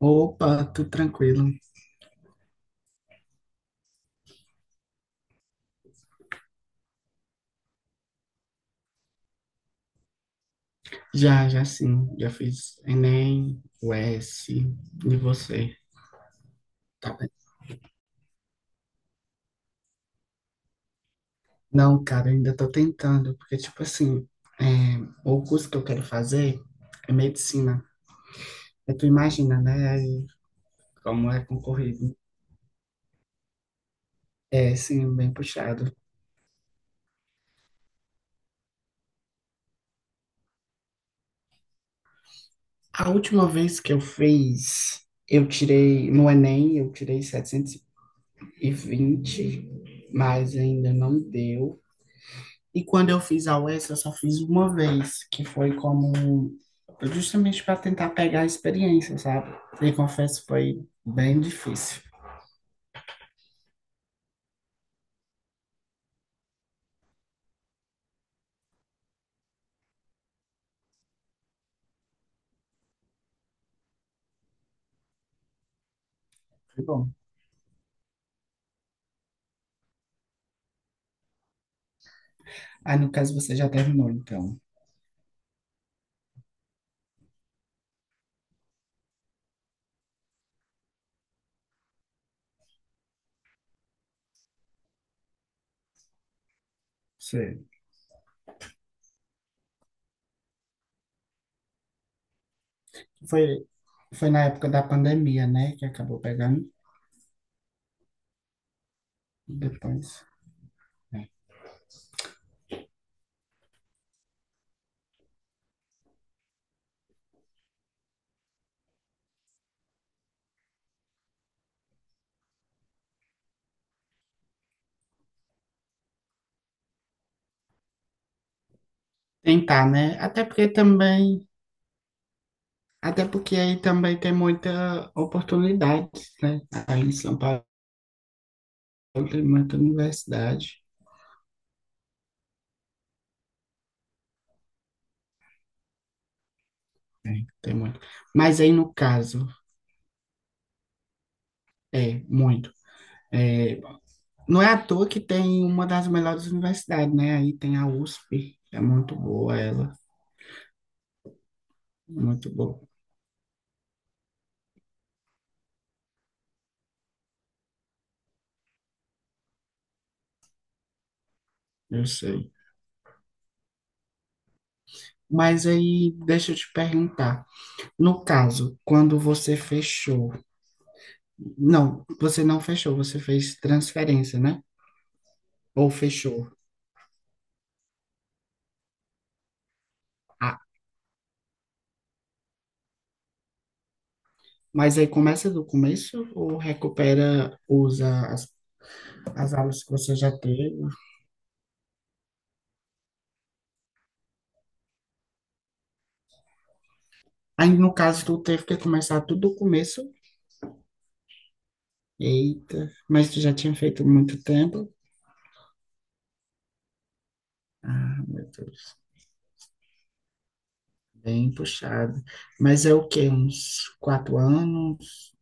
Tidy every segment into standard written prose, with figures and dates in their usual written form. Opa, tudo tranquilo. Já, já sim. Já fiz Enem, UES, e você? Tá bem? Não, cara, eu ainda tô tentando, porque, tipo assim, é, o curso que eu quero fazer é medicina. Aí tu imagina, né? Aí, como é concorrido. É, sim, bem puxado. A última vez que eu fiz, eu tirei, no Enem, eu tirei 720, mas ainda não deu. E quando eu fiz a UES, eu só fiz uma vez, que foi como justamente para tentar pegar a experiência, sabe? E confesso, que foi bem difícil. Foi bom. Aí, no caso, você já terminou, então. Sei. Foi, foi na época da pandemia, né? Que acabou pegando depois. Tentar, né? Até porque também, até porque aí também tem muita oportunidade, né? Aí em São Paulo tem muita universidade. Tem, tem muito. Mas aí no caso, é muito. É, não é à toa que tem uma das melhores universidades, né? Aí tem a USP, é muito boa ela, muito boa, eu sei. Mas aí, deixa eu te perguntar, no caso, quando você fechou, não, você não fechou, você fez transferência, né? Ou fechou. Ah, mas aí começa do começo ou recupera, usa as, as aulas que você já teve? Aí, no caso, tu teve que começar tudo do começo? Eita, mas tu já tinha feito muito tempo? Meu Deus, bem puxado. Mas é o quê? Uns 4 anos?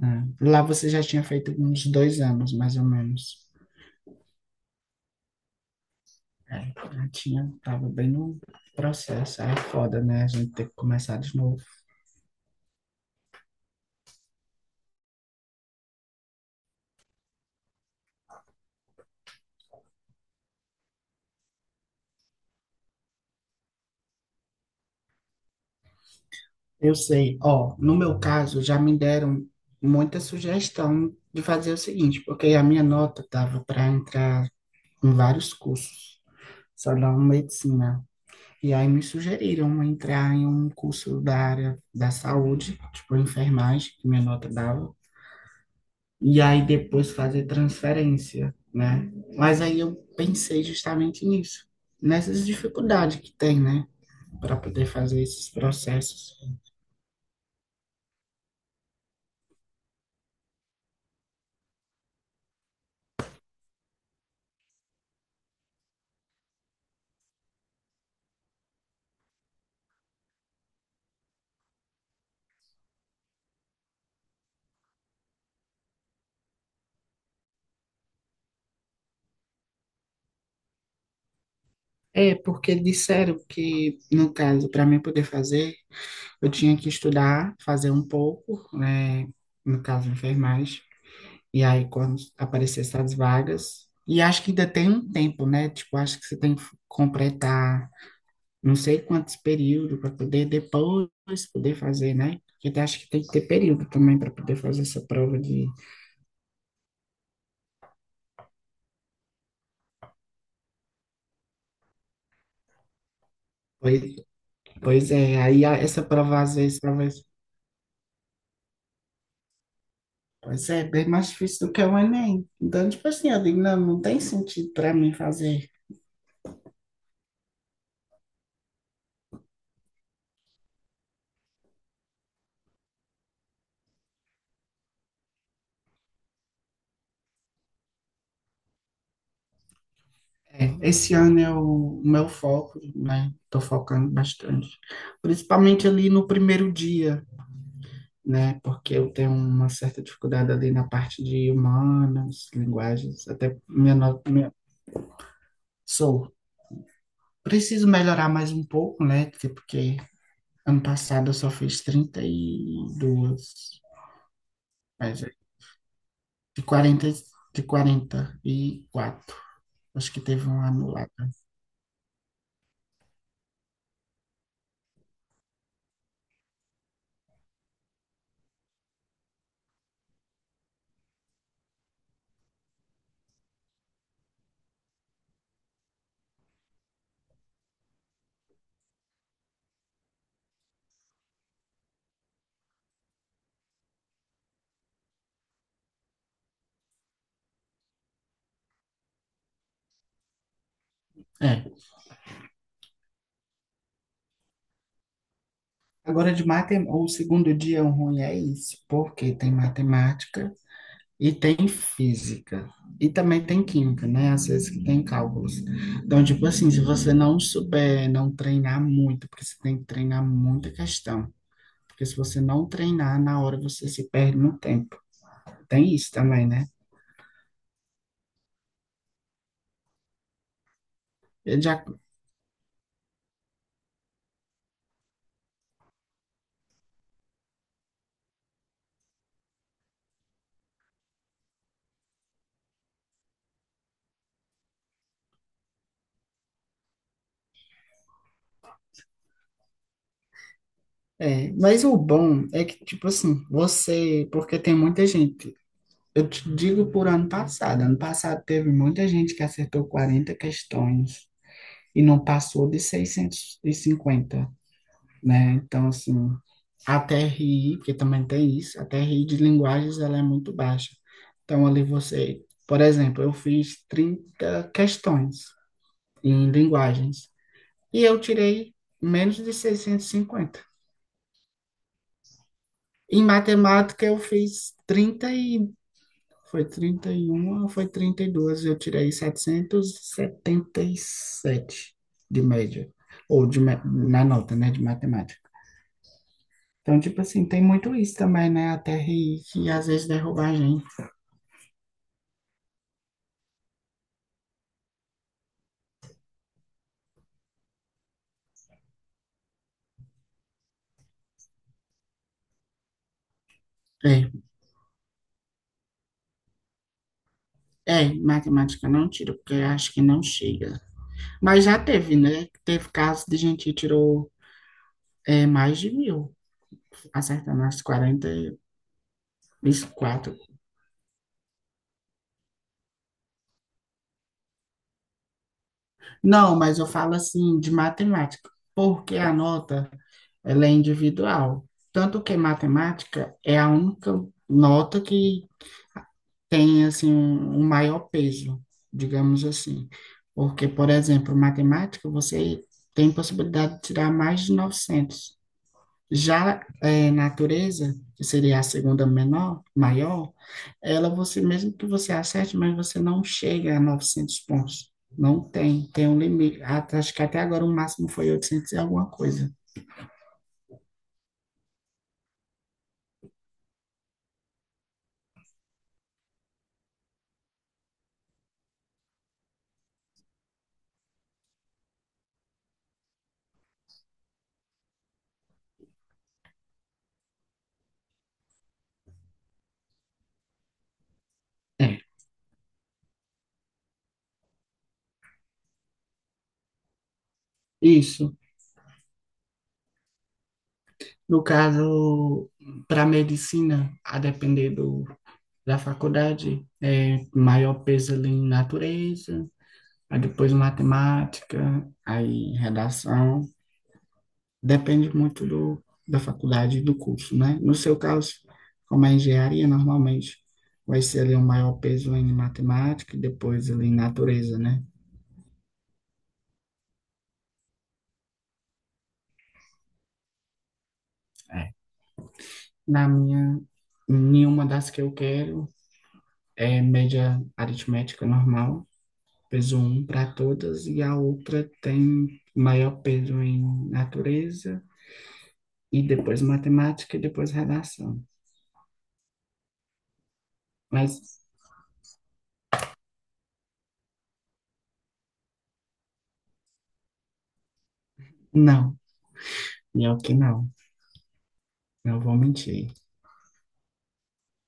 É. Lá você já tinha feito uns 2 anos, mais ou menos. É, já tinha, tava bem no processo. Aí é foda, né? A gente ter que começar de novo. Eu sei, ó, no meu caso, já me deram muita sugestão de fazer o seguinte, porque a minha nota tava para entrar em vários cursos, só não medicina. E aí me sugeriram entrar em um curso da área da saúde, tipo enfermagem, que minha nota dava, e aí depois fazer transferência, né? Mas aí eu pensei justamente nisso, nessas dificuldades que tem, né, para poder fazer esses processos. É, porque disseram que, no caso, para mim poder fazer, eu tinha que estudar, fazer um pouco, né, no caso enfermagem. E aí, quando aparecer essas vagas, e acho que ainda tem um tempo, né? Tipo, acho que você tem que completar não sei quantos períodos para poder depois poder fazer, né? Porque eu acho que tem que ter período também para poder fazer essa prova de. Pois, pois é, essa prova às vezes, talvez. Pois é, bem mais difícil do que o Enem. Então, tipo assim, eu digo, não, não tem sentido para mim fazer. É, esse ano é o meu foco, né? Tô focando bastante. Principalmente ali no primeiro dia, né? Porque eu tenho uma certa dificuldade ali na parte de humanas, linguagens, até minha, minha. Sou. Preciso melhorar mais um pouco, né? Tipo, porque ano passado eu só fiz 32, mas é de 40, de 44. Acho que teve um anulado. É. Agora de matemática, o segundo dia ruim é isso, porque tem matemática e tem física. E também tem química, né? Às vezes que tem cálculos. Então, tipo assim, se você não souber, não treinar muito, porque você tem que treinar muita questão. Porque se você não treinar, na hora você se perde no tempo. Tem isso também, né? Eu já, mas o bom é que, tipo assim, você. Porque tem muita gente. Eu te digo por ano passado. Ano passado teve muita gente que acertou 40 questões e não passou de 650, né? Então, assim, a TRI, porque também tem isso, a TRI de linguagens ela é muito baixa. Então, ali você, por exemplo, eu fiz 30 questões em linguagens e eu tirei menos de 650. Em matemática, eu fiz 30 e. Foi 31 ou foi 32? Eu tirei 777 de média, ou de, na nota, né, de matemática. Então, tipo assim, tem muito isso também, né? A TRI que às vezes derruba a gente. É, é, matemática não tira, porque eu acho que não chega. Mas já teve, né? Teve casos de gente que tirou mais de 1000, acertando as 40 e os quatro. Não, mas eu falo assim, de matemática, porque a nota, ela é individual. Tanto que matemática é a única nota que tem assim um, um maior peso, digamos assim. Porque, por exemplo, matemática, você tem possibilidade de tirar mais de 900. Já natureza, que seria a segunda menor, maior, ela você mesmo que você acerte, mas você não chega a 900 pontos. Não tem, tem um limite. Até- acho que até agora o máximo foi 800 e alguma coisa. É, isso. No caso, para medicina, a depender do, da faculdade, é maior peso ali em natureza, aí depois matemática, aí redação. Depende muito do, da faculdade e do curso, né? No seu caso, como é engenharia, normalmente vai ser ali um maior peso em matemática e depois ali em natureza, né? É. Na minha, nenhuma das que eu quero é média aritmética normal, peso um para todas, e a outra tem maior peso em natureza e depois matemática e depois redação. Mas não, melhor que não, não vou mentir.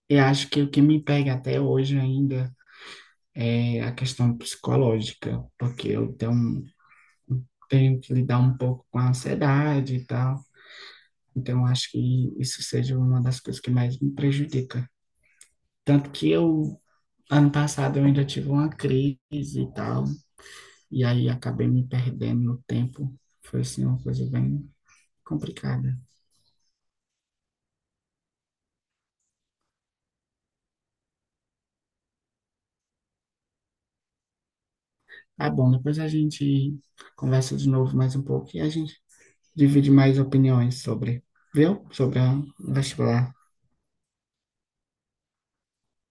Eu acho que o que me pega até hoje ainda é a questão psicológica, porque eu tenho, tenho que lidar um pouco com a ansiedade e tal. Então, eu acho que isso seja uma das coisas que mais me prejudica. Tanto que eu, ano passado, eu ainda tive uma crise e tal, e aí acabei me perdendo no tempo. Foi, assim, uma coisa bem complicada. Ah, bom, depois a gente conversa de novo mais um pouco e a gente divide mais opiniões sobre, viu? Sobre a o vestibular.